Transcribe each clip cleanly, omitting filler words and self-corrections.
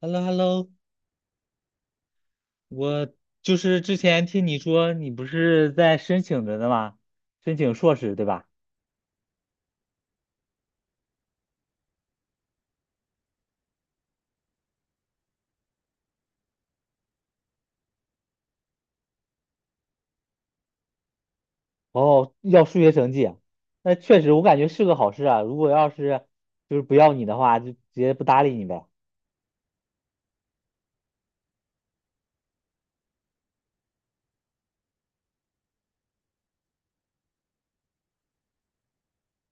h e l l o h e l l o 我就是之前听你说你不是在申请着的吗？申请硕士对吧？哦，要数学成绩啊。那确实我感觉是个好事啊。如果就是不要你的话，就直接不搭理你呗。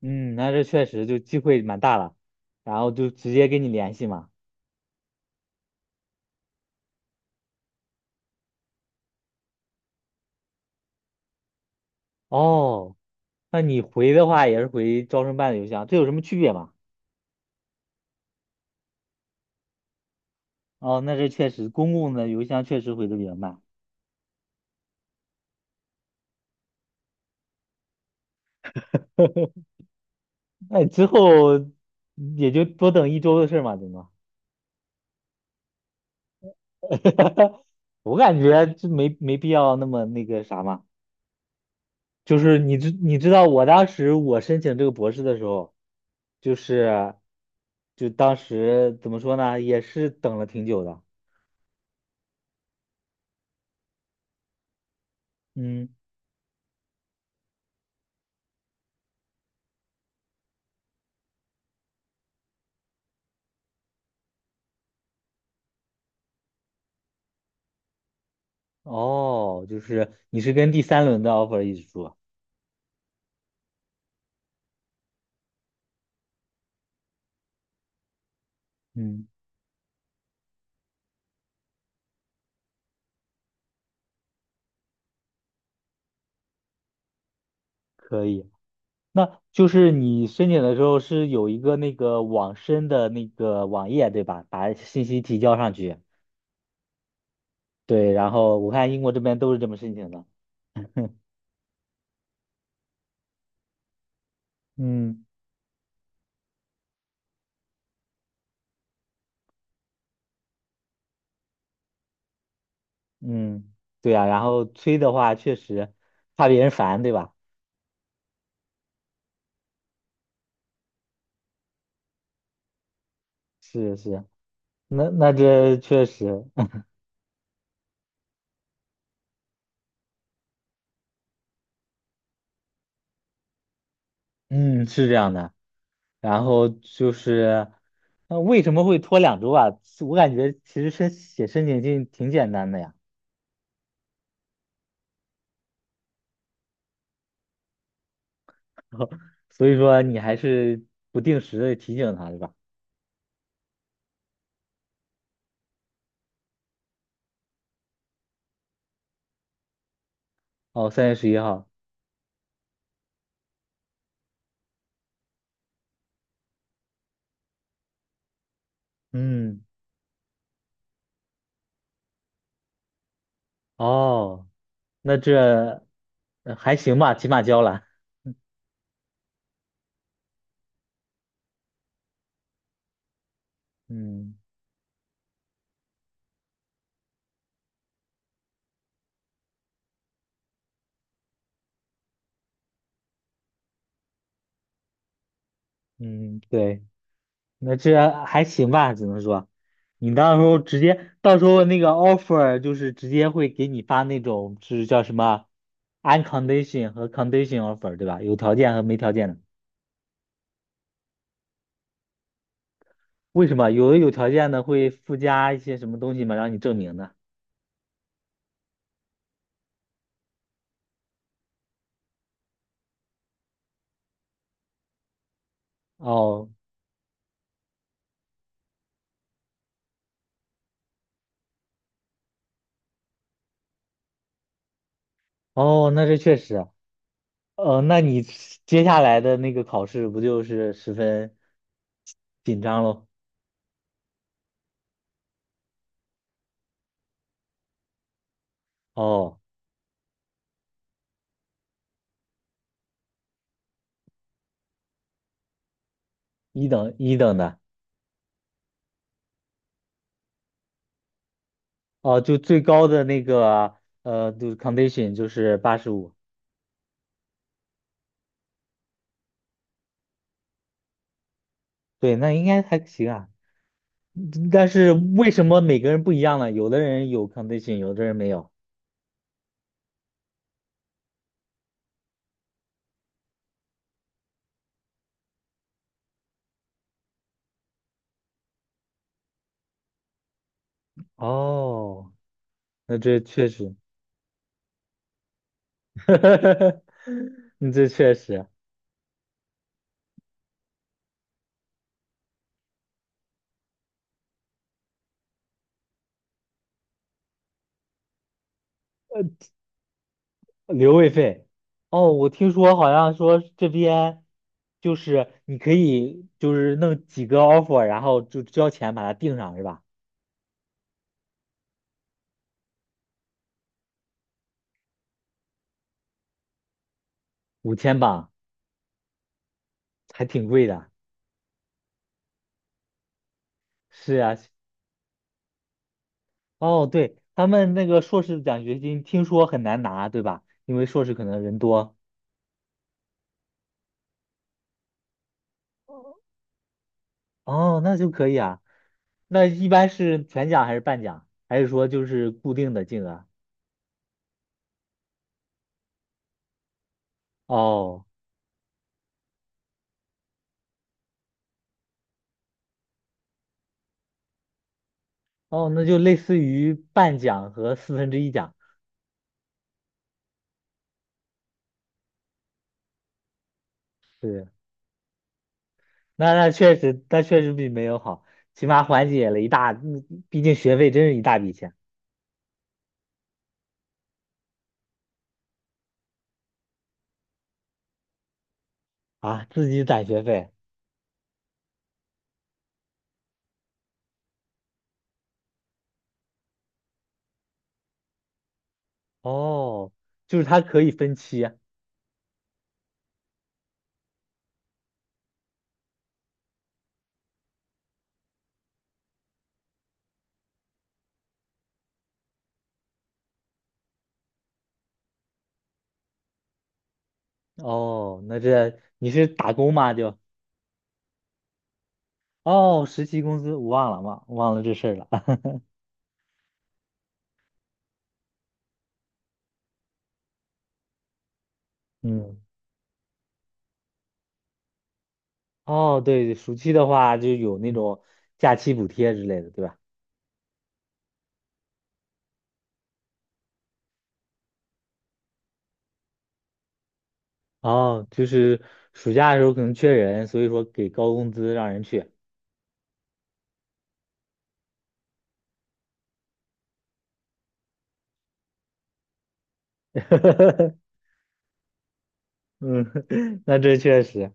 嗯，那这确实就机会蛮大了，然后就直接跟你联系嘛。哦，那你回的话也是回招生办的邮箱，这有什么区别吗？哦，那这确实公共的邮箱确实回的比较慢，那之后也就多等一周的事儿嘛，对吗？我感觉就没必要那么那个啥嘛。就是你知道，我当时申请这个博士的时候，就是就当时怎么说呢，也是等了挺久的。嗯，哦，就是你是跟第三轮的 offer 一起说。嗯，可以。那就是你申请的时候是有一个那个网申的那个网页，对吧？把信息提交上去。对，然后我看英国这边都是这么申请的。嗯。嗯，对呀、然后催的话，确实怕别人烦，对吧？是是，那这确实。嗯，是这样的。然后就是，那为什么会拖2周啊？我感觉其实申请信挺简单的呀。所以说你还是不定时的提醒他，对吧？哦，3月11号，嗯，哦，那这还行吧，起码交了。嗯嗯，对。那这还行吧，只能说，你到时候直接，到时候那个 offer 就是直接会给你发那种，是叫什么 uncondition 和 condition offer，对吧？有条件和没条件的。为什么有的有条件的会附加一些什么东西嘛，让你证明的？哦哦，那这确实啊。那你接下来的那个考试不就是十分紧张喽？哦，一等一等的。哦，就最高的那个就是 condition 就是85，对，那应该还行啊。但是为什么每个人不一样呢？有的人有 condition，有的人没有。哦，那这确实。你这确实留位费。哦，我听说好像说这边就是你可以就是弄几个 offer，然后就交钱把它定上是吧？5000镑，还挺贵的。是呀，哦，对，他们那个硕士奖学金听说很难拿，对吧？因为硕士可能人多。哦，那就可以啊。那一般是全奖还是半奖，还是说就是固定的金额？哦哦，那就类似于半奖和四分之一奖。对，那确实，那确实比没有好，起码缓解了一大，毕竟学费真是一大笔钱。啊，自己攒学费。哦，就是它可以分期啊。哦，那这你是打工吗？就。哦，实习工资我忘了，忘了这事儿了。嗯，哦，对，暑期的话就有那种假期补贴之类的，对吧？哦，就是暑假的时候可能缺人，所以说给高工资让人去。嗯，那这确实，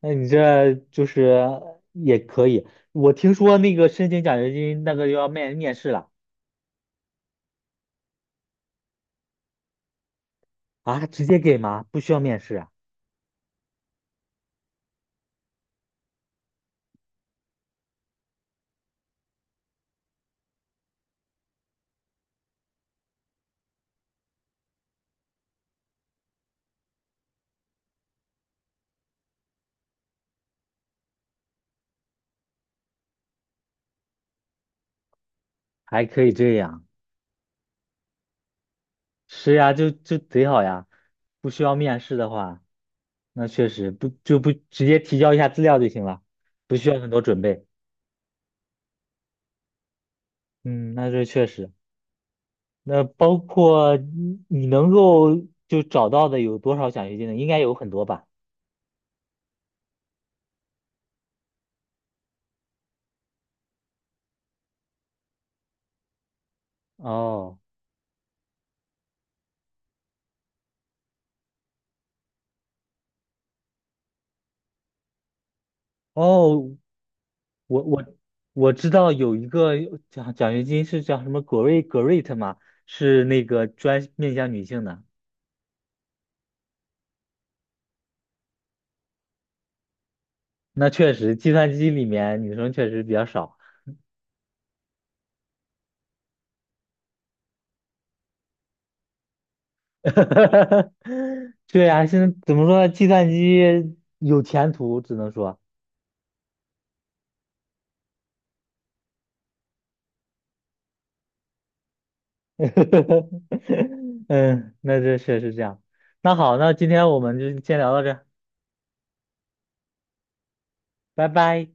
那你这就是也可以。我听说那个申请奖学金那个要面试了。啊，直接给吗？不需要面试啊？还可以这样？是呀，就贼好呀，不需要面试的话。那确实不就不直接提交一下资料就行了，不需要很多准备。嗯，那这确实。那包括你能够就找到的有多少奖学金呢？应该有很多吧？哦哦，我我我知道有一个奖学金是叫什么 Great 嘛，是那个专面向女性的。那确实，计算机里面女生确实比较少。对呀，现在怎么说呢？计算机有前途，只能说。嗯，那这确实这样。那好，那今天我们就先聊到这儿。拜拜。